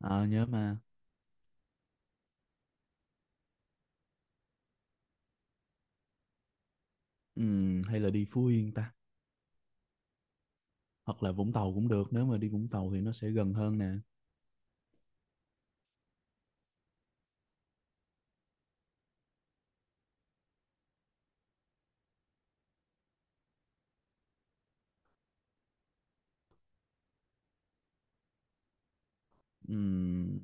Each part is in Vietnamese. Ờ, nhớ mà. Hay là đi Phú Yên ta, hoặc là Vũng Tàu cũng được. Nếu mà đi Vũng Tàu thì nó sẽ gần hơn nè. Ừm,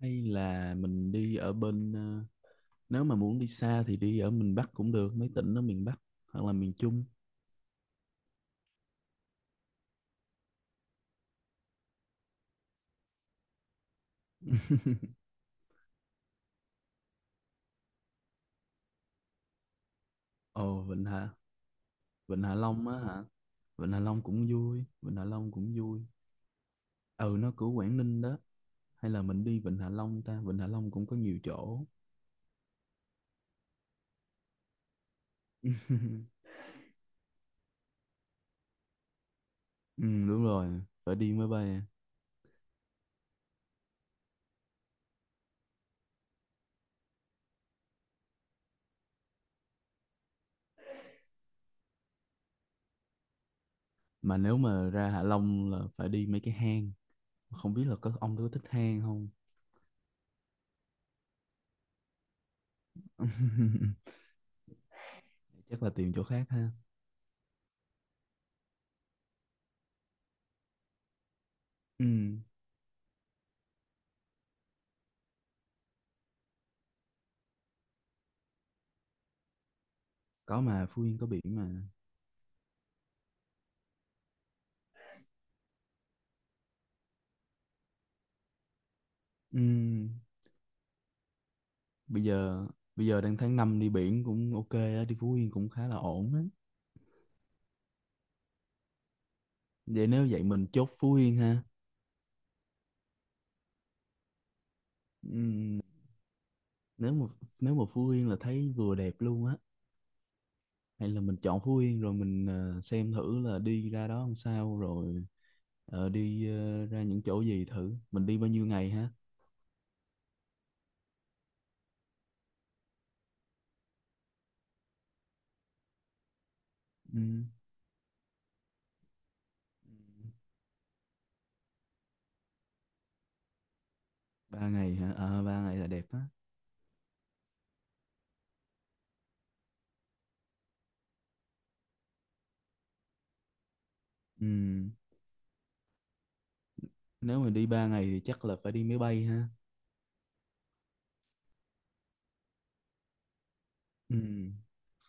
hay là mình đi ở bên nếu mà muốn đi xa thì đi ở miền Bắc cũng được, mấy tỉnh ở miền Bắc hoặc là miền Trung. Ồ, Vịnh Hạ... Vịnh Hạ Long á hả? Vịnh Hạ Long cũng vui, Vịnh Hạ Long cũng vui. Ừ, nó của Quảng Ninh đó. Hay là mình đi Vịnh Hạ Long ta? Vịnh Hạ Long cũng có nhiều chỗ. Ừ, đúng rồi, phải đi máy bay. Mà nếu mà ra Hạ Long là phải đi mấy cái hang, không biết là ông có thích hang không. Chắc là tìm chỗ khác ha. Ừ, có mà, Phú Yên có biển mà. Ừ, bây giờ bây giờ đang tháng 5, đi biển cũng ok á, đi Phú Yên cũng khá là ổn á. Vậy nếu vậy mình chốt Phú Yên ha. Ừm, nếu mà nếu mà Phú Yên là thấy vừa đẹp luôn á. Hay là mình chọn Phú Yên rồi mình xem thử là đi ra đó làm sao rồi đi ra những chỗ gì thử, mình đi bao nhiêu ngày ha? Ừ, 3 ngày hả? À, 3 ngày là đẹp á. Ừ. Nếu mà đi 3 ngày thì chắc là phải đi máy bay ha. Ừ.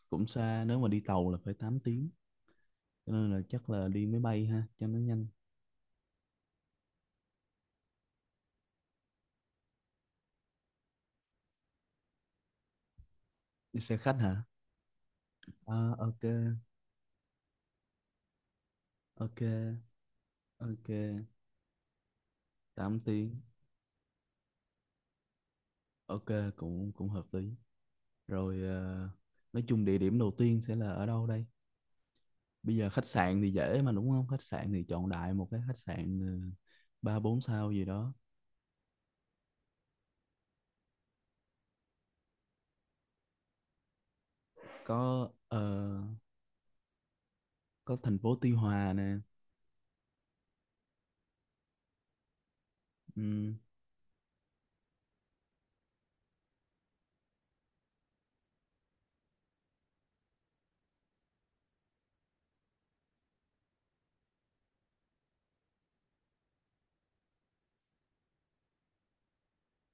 Cũng xa, nếu mà đi tàu là phải 8 tiếng. Cho nên là chắc là đi máy bay ha, cho nó nhanh. Đi xe khách hả? À, ok, ok, ok, 8 tiếng. Ok, cũng cũng hợp lý. Rồi nói chung địa điểm đầu tiên sẽ là ở đâu đây? Bây giờ khách sạn thì dễ mà đúng không? Khách sạn thì chọn đại một cái khách sạn ba bốn sao gì đó. Có có thành phố Tuy Hòa nè. Ừ.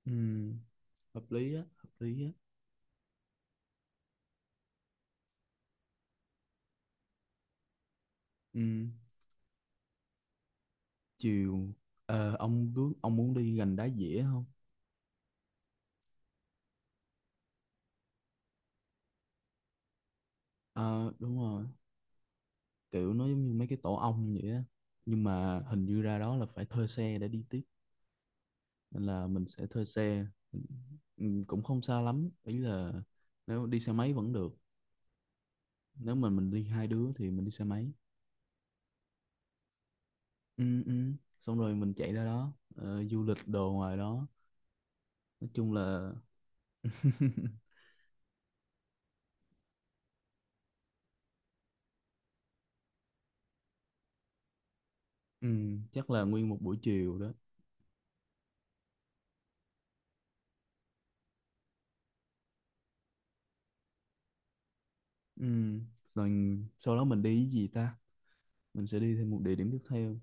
Ừ, hợp lý á, hợp lý á. Ừ, chiều ông muốn đi gành đá dĩa không? Ờ, đúng rồi, kiểu nó giống như mấy cái tổ ong vậy á. Nhưng mà hình như ra đó là phải thuê xe để đi tiếp nên là mình sẽ thuê xe. Ừ, cũng không xa lắm, ý là nếu đi xe máy vẫn được. Nếu mà mình đi hai đứa thì mình đi xe máy. Ừ, ừ. Xong rồi mình chạy ra đó, du lịch đồ ngoài đó. Nói chung là ừ, chắc là nguyên một buổi chiều đó. Ừ. Rồi sau đó mình đi cái gì ta? Mình sẽ đi thêm một địa điểm tiếp theo.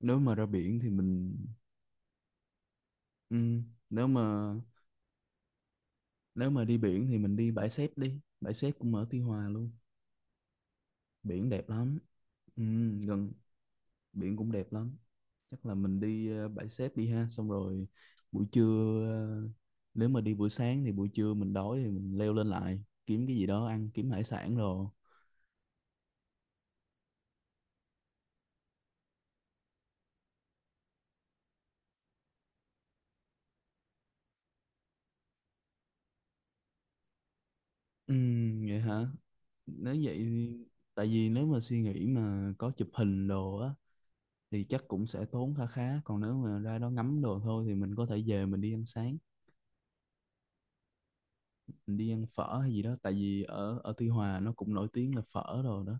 Nếu mà ra biển thì mình ừ. Nếu mà nếu mà đi biển thì mình đi. Bãi xép cũng ở Tuy Hòa luôn. Biển đẹp lắm. Ừ. Gần, biển cũng đẹp lắm. Chắc là mình đi bãi xép đi ha. Xong rồi buổi trưa nếu mà đi buổi sáng thì buổi trưa mình đói thì mình leo lên lại kiếm cái gì đó ăn, kiếm hải sản rồi. Vậy hả? Nếu vậy thì- tại vì nếu mà suy nghĩ mà có chụp hình đồ á thì chắc cũng sẽ tốn khá khá, còn nếu mà ra đó ngắm đồ thôi thì mình có thể về mình đi ăn sáng, mình đi ăn phở hay gì đó tại vì ở ở Tuy Hòa nó cũng nổi tiếng là phở rồi đó.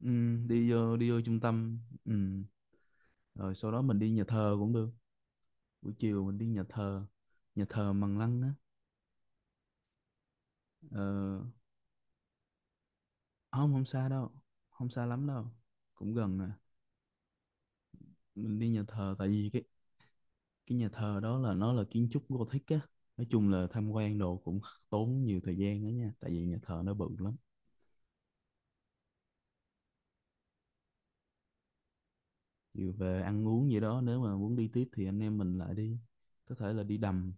Đi vô trung tâm, ừm, rồi sau đó mình đi nhà thờ cũng được. Buổi chiều mình đi nhà thờ Mằng Lăng á. Ờ, không không xa đâu, không xa lắm đâu. Cũng gần nè. Mình đi nhà thờ tại vì cái nhà thờ đó là nó là kiến trúc Gothic á, nói chung là tham quan đồ cũng tốn nhiều thời gian đó nha tại vì nhà thờ nó bự lắm. Dù về ăn uống gì đó nếu mà muốn đi tiếp thì anh em mình lại đi, có thể là đi đầm.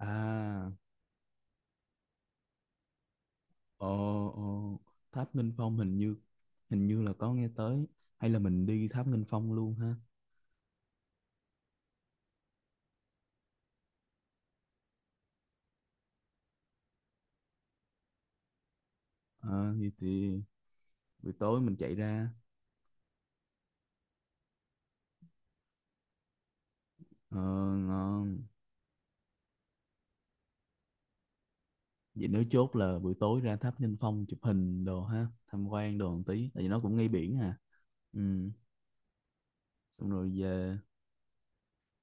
À, ồ, ồ, tháp Nghinh Phong hình như, là có nghe tới. Hay là mình đi tháp Nghinh Phong luôn ha? Ờ, thì buổi tối mình chạy ra ờ, ngon. Vậy nếu chốt là buổi tối ra tháp Nghinh Phong chụp hình đồ ha, tham quan đồ một tí tại vì nó cũng ngay biển à. Ừ, xong rồi về.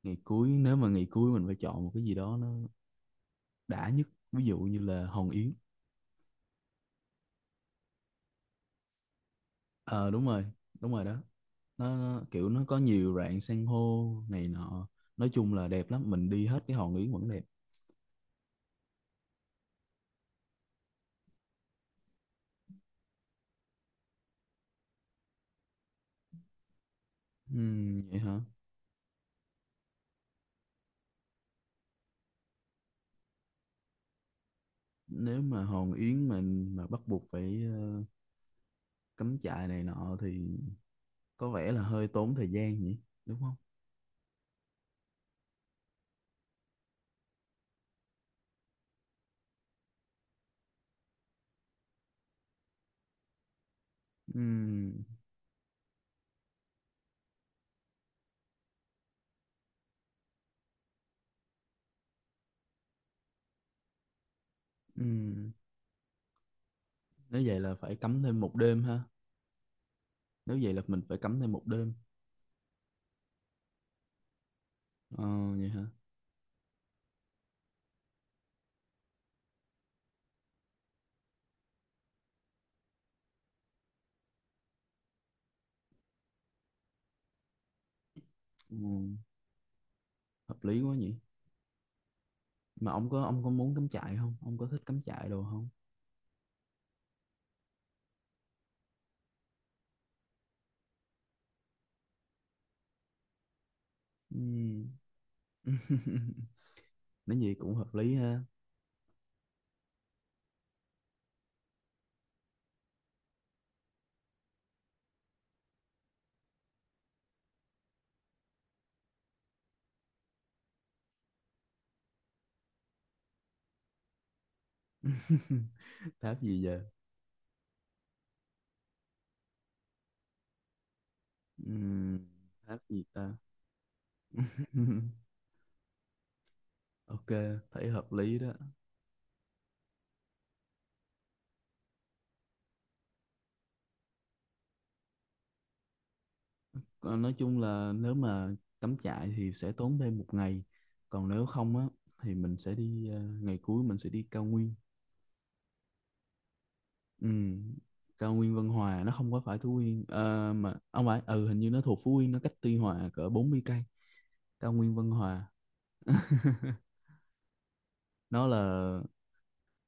Ngày cuối, nếu mà ngày cuối mình phải chọn một cái gì đó nó đã nhất, ví dụ như là Hòn Yến. Ờ, đúng rồi, đúng rồi đó. Nó kiểu nó có nhiều rạn san hô này nọ, nói chung là đẹp lắm, mình đi hết cái Hòn Yến vẫn đẹp. Vậy hả? Nếu mà Hòn Yến mà bắt buộc phải cắm trại này nọ thì có vẻ là hơi tốn thời gian nhỉ, đúng không? Ừm, ừm. Nếu vậy là phải cắm thêm một đêm ha. Nếu vậy là mình phải cắm thêm một đêm. Ờ, vậy hả? Ừ. Hợp lý quá nhỉ. Mà ông có muốn cắm trại không, ông có thích cắm trại đồ không? Ừm. Nói gì cũng hợp lý ha. Tháp gì giờ? Ừm, tháp gì ta? Ok, thấy hợp lý đó. Còn nói chung là nếu mà cắm trại thì sẽ tốn thêm một ngày, còn nếu không á thì mình sẽ đi ngày cuối mình sẽ đi cao nguyên. Ừ, cao nguyên Vân Hòa nó không có phải Phú Yên. Ờ, mà ông phải, ừ hình như nó thuộc Phú Yên, nó cách Tuy Hòa cỡ 40 cây. Cao nguyên Vân Hòa nó là,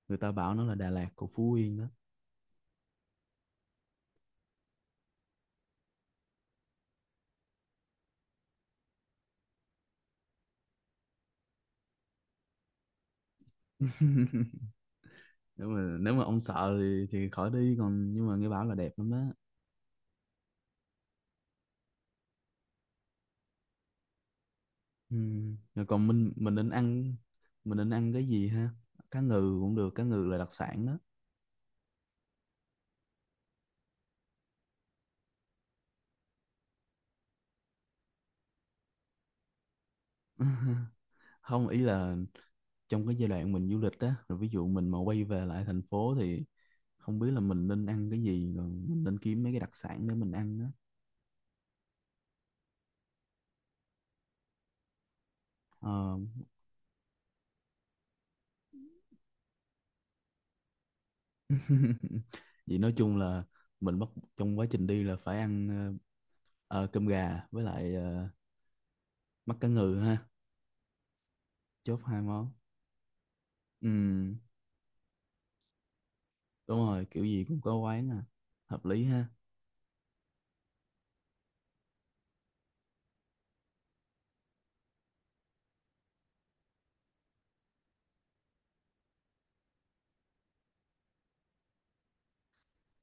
người ta bảo nó là Đà Lạt của Phú Yên đó. Nếu mà ông sợ thì khỏi đi, còn nhưng mà nghe bảo là đẹp lắm đó. Ừ. Rồi còn mình nên ăn, mình nên ăn cái gì ha? Cá ngừ cũng được, cá ngừ là đặc sản đó. Không, ý là trong cái giai đoạn mình du lịch á, rồi ví dụ mình mà quay về lại thành phố thì không biết là mình nên ăn cái gì, rồi mình nên kiếm mấy cái đặc sản để mình ăn á. Ờ. Vậy nói chung là mình bắt, trong quá trình đi là phải ăn ờ, cơm gà với lại mắt cá ngừ ha. Chốt hai món. Ừ, đúng rồi, kiểu gì cũng có quán à. Hợp lý ha.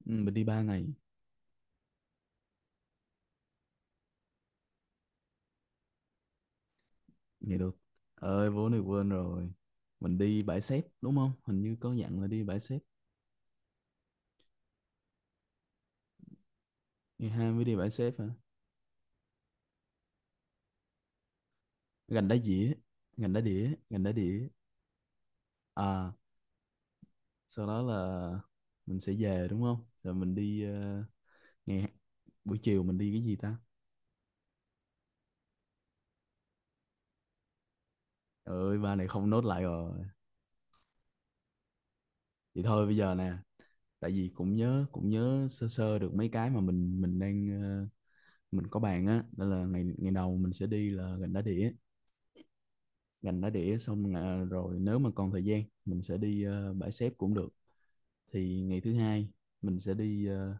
Ừ, mình đi 3 ngày. Ngày được, ơi vốn này quên rồi. Mình đi bãi xép đúng không? Hình như có dặn là đi bãi xép. Ngày hai mới đi bãi xép hả? Gành đá dĩa, gành đá đĩa, gành đá đĩa. À, sau đó là mình sẽ về đúng không? Rồi mình đi nghe, buổi chiều mình đi cái gì ta? Trời ơi, ba này không nốt lại rồi. Vậy thôi bây giờ nè, tại vì cũng nhớ sơ sơ được mấy cái mà mình đang mình có bàn á, đó là ngày ngày đầu mình sẽ đi là gành đá đĩa. Gành đá đĩa xong là, rồi nếu mà còn thời gian mình sẽ đi bãi xép cũng được. Thì ngày thứ hai mình sẽ đi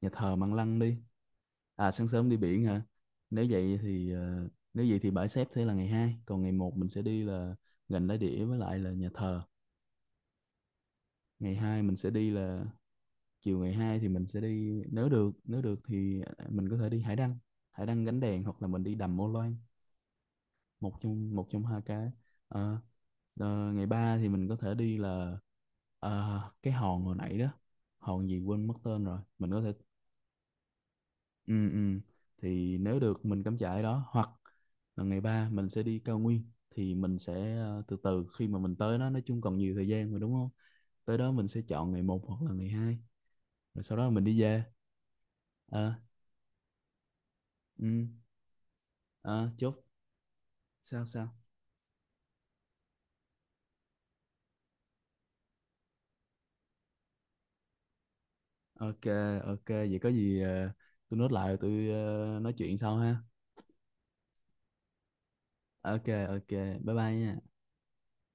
nhà thờ Măng Lăng đi. À, sáng sớm đi biển hả? Nếu vậy thì nếu vậy thì bãi xếp sẽ là ngày hai, còn ngày một mình sẽ đi là gành đá đĩa với lại là nhà thờ. Ngày 2 mình sẽ đi là, chiều ngày 2 thì mình sẽ đi nếu được, nếu được thì à, mình có thể đi hải đăng, hải đăng gánh đèn hoặc là mình đi đầm Ô Loan. Một trong hai cái. Ờ, ờ, ngày 3 thì mình có thể đi là cái hòn hồi nãy đó, hòn gì quên mất tên rồi, mình có thể ừ, ừ. Thì nếu được mình cắm trại đó hoặc là ngày ba mình sẽ đi cao nguyên. Thì mình sẽ từ từ khi mà mình tới đó, nói chung còn nhiều thời gian mà đúng không? Tới đó mình sẽ chọn ngày một hoặc là ngày hai. Rồi sau đó mình đi về. Ờ, ừ, ờ, chốt. Sao sao? Ok, ok, vậy có gì tôi nốt lại rồi tôi nói chuyện sau ha. Ok, ok, bye bye nha.